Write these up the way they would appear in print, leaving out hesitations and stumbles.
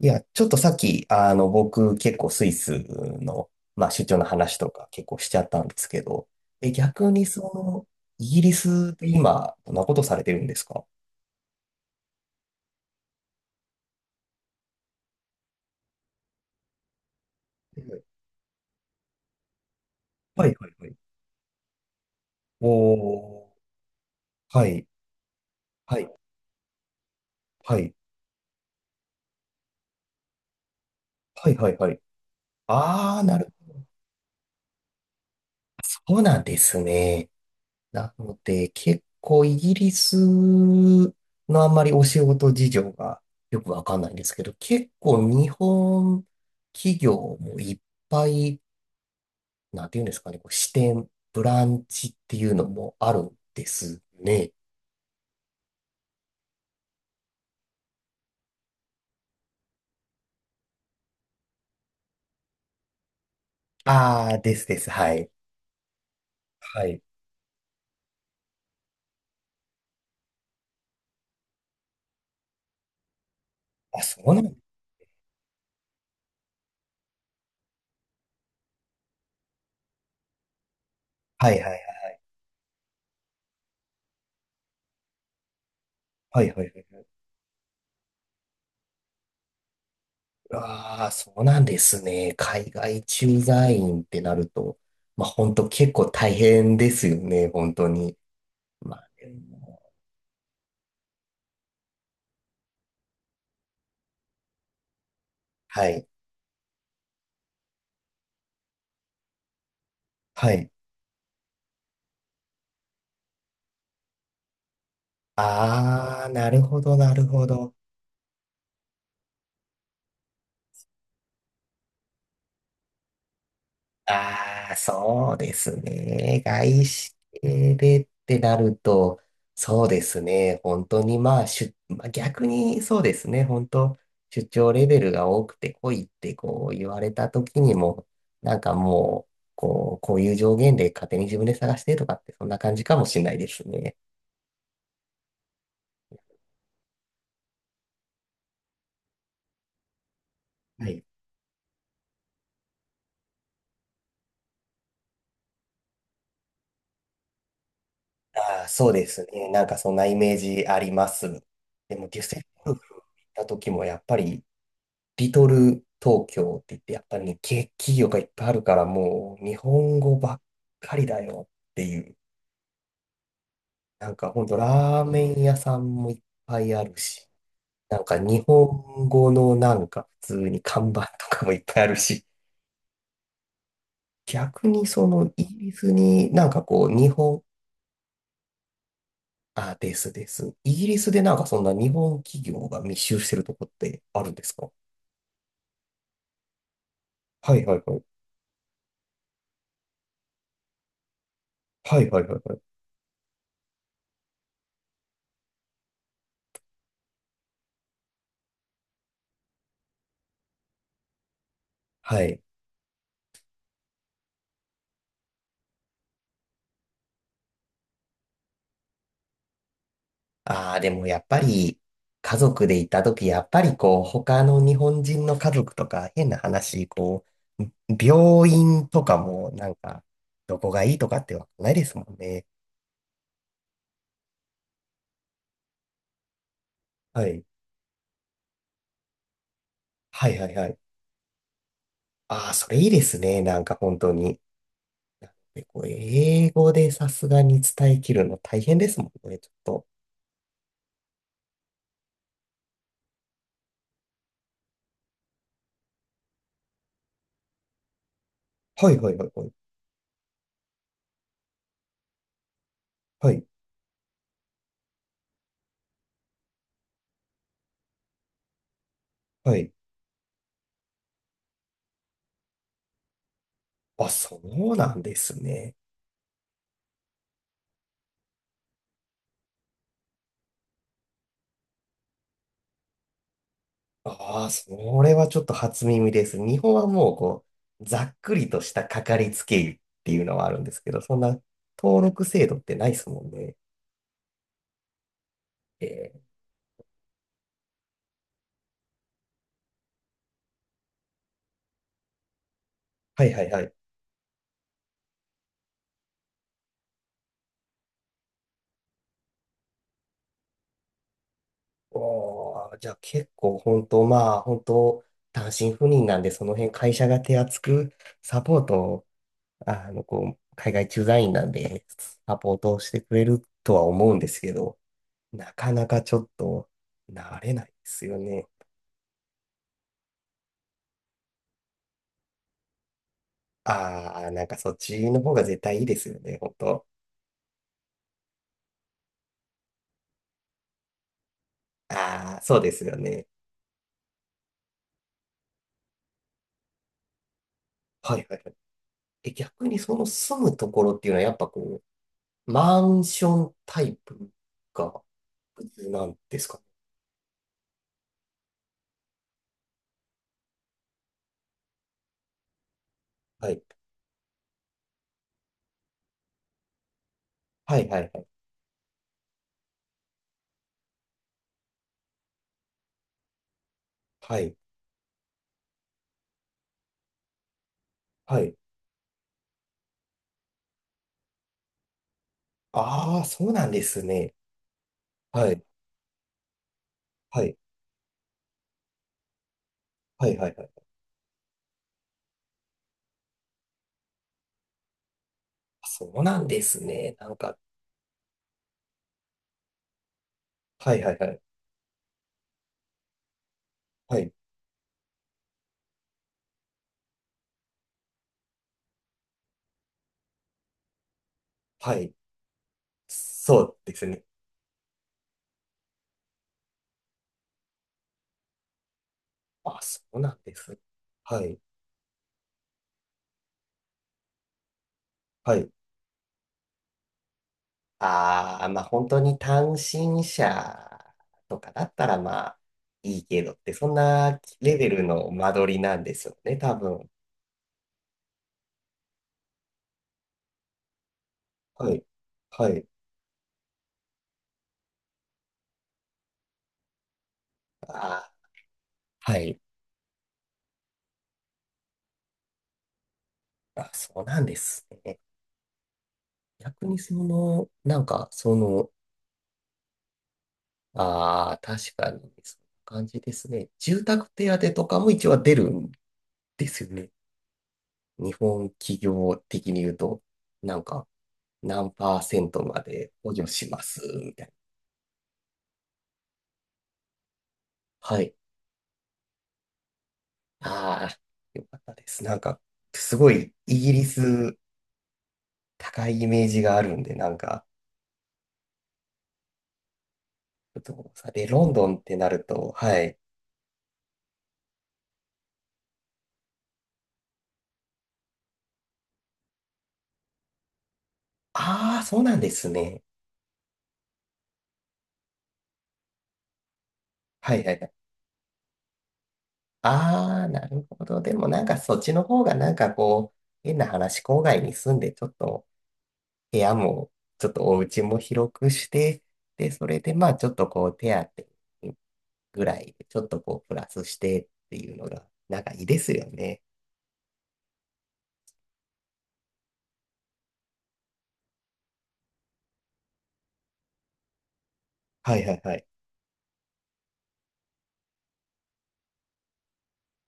いや、ちょっとさっき、僕結構スイスの、まあ、出張の話とか結構しちゃったんですけど、逆にその、イギリスで今、どんなことされてるんですか？はいはいはいはい。おー、はい、はい、はい、はい、はい、はい。あー、なる、そうなんですね。なので、結構イギリスのあんまりお仕事事情がよくわかんないんですけど、結構日本企業もいっぱい、なんていうんですかね、こう支店、ブランチっていうのもあるんですね。ああ、ですです。はい。はい。あ、そうなん、はいはいはい。はいはいはいはい。ああ、そうなんですね。海外駐在員ってなると、まあ本当結構大変ですよね、本当に。まあでも、はい。はい。ああ、なるほど、なるほど。ああ、そうですね。外資系でってなると、そうですね。本当にまあ、出まあ、逆にそうですね。本当、出張レベルが多くて来いってこう言われた時にも、なんかもう、こう、こういう上限で勝手に自分で探してとかってそんな感じかもしれないですね。はい。ああ、そうですね。なんかそんなイメージあります。でもデュッセ際、ゴルフ行った時もやっぱりリトル東京って言って、やっぱりね、企業がいっぱいあるから、もう日本語ばっかりだよっていう。なんかほんとラーメン屋さんもいっぱいあるし、なんか日本語のなんか普通に看板とかもいっぱいあるし、逆にそのイギリスになんかこう日本、あ、ですです。イギリスでなんかそんな日本企業が密集してるとこってあるんですか？はいはいはい。はいはいはいはい。はい。ああ、でもやっぱり家族で行った時、やっぱりこう他の日本人の家族とか変な話、こう病院とかもなんかどこがいいとかってわかんないですもんね。はい。はいはいはい。ああ、それいいですね。なんか本当に。でこう英語でさすがに伝えきるの大変ですもんね、ちょっと。はいはいはいはい。はいはい。あ、そうなんですね。ああ、それはちょっと初耳です。日本はもうこう、ざっくりとしたかかりつけ医っていうのはあるんですけど、そんな登録制度ってないですもんね。えーはいはいはい。おー、じゃあ結構本当、まあ本当、単身赴任なんで、その辺会社が手厚くサポートを、こう、海外駐在員なんで、サポートをしてくれるとは思うんですけど、なかなかちょっと慣れないですよね。ああ、なんかそっちの方が絶対いいですよね、本当。ああ、そうですよね。はいはいはい。逆にその住むところっていうのはやっぱこう、マンションタイプが普通なんですかね？はい。はいはいはい。はい。はい。ああ、そうなんですね。はい。はい。はいはいはい。そうなんですね。なんか、はいはいはい。はい。はい。そうですね。あ、そうなんです。はい。はい。ああ、まあ本当に単身者とかだったらまあいいけどって、そんなレベルの間取りなんですよね、多分。はい。はい。ああ、はい。あ、そうなんですね。逆にその、なんかその、ああ、確かにそんな感じですね。住宅手当とかも一応出るんですよね。日本企業的に言うと、なんか何パーセントまで補助しますみたいな。はい。ああ、よかったです。なんか、すごい、イギリス高いイメージがあるんで、なんか、ちょっとさ、で、ロンドンってなると、はい。ああ、そうなんですね。はいはいはい。ああ、なるほど。でもなんか、そっちの方がなんかこう、変な話、郊外に住んで、ちょっと部屋も、ちょっとお家も広くして、で、それでまあ、ちょっとこう、手当ぐらいで、ちょっとこう、プラスしてっていうのが、なんかいいですよね。はいはいはい。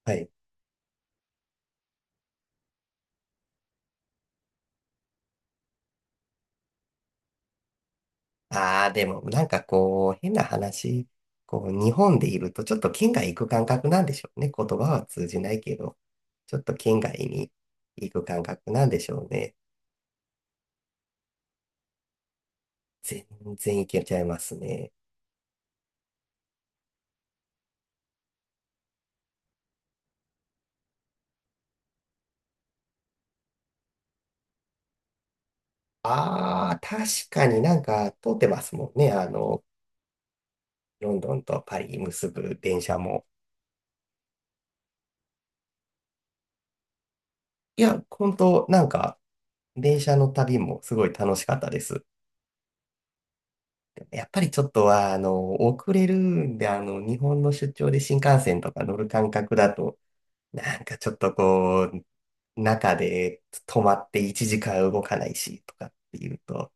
はい。ああ、でも、なんかこう、変な話、こう、日本でいると、ちょっと県外行く感覚なんでしょうね。言葉は通じないけど、ちょっと県外に行く感覚なんでしょうね。全然行けちゃいますね。ああ、確かになんか通ってますもんね。ロンドンとパリ結ぶ電車も。いや、本当なんか、電車の旅もすごい楽しかったです。やっぱりちょっとは、遅れるんで、日本の出張で新幹線とか乗る感覚だと、なんかちょっとこう、中で止まって1時間動かないしとかっていうと、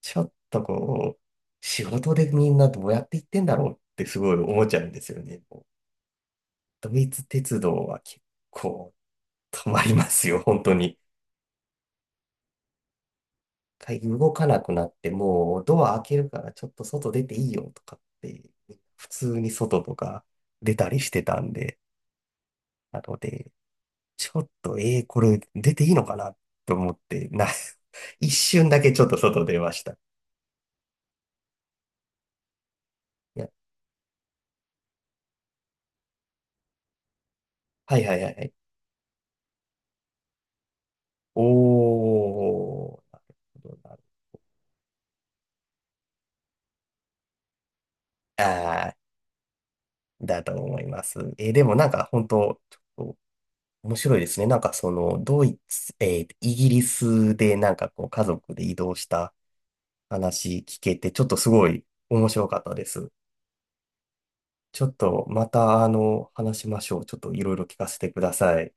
ちょっとこう、仕事でみんなどうやって行ってんだろうってすごい思っちゃうんですよね。ドイツ鉄道は結構止まりますよ、本当に。一回動かなくなって、もうドア開けるからちょっと外出ていいよとかって、普通に外とか出たりしてたんで、なので、ちょっと、これ出ていいのかなと思って、一瞬だけちょっと外出ました。いや、はいはいはいはい。なるほどなるほど、ああだと思います。でもなんか本当、ちょっと面白いですね。なんかその、ドイツ、えー、イギリスでなんかこう家族で移動した話聞けて、ちょっとすごい面白かったです。ちょっとまた話しましょう。ちょっといろいろ聞かせてください。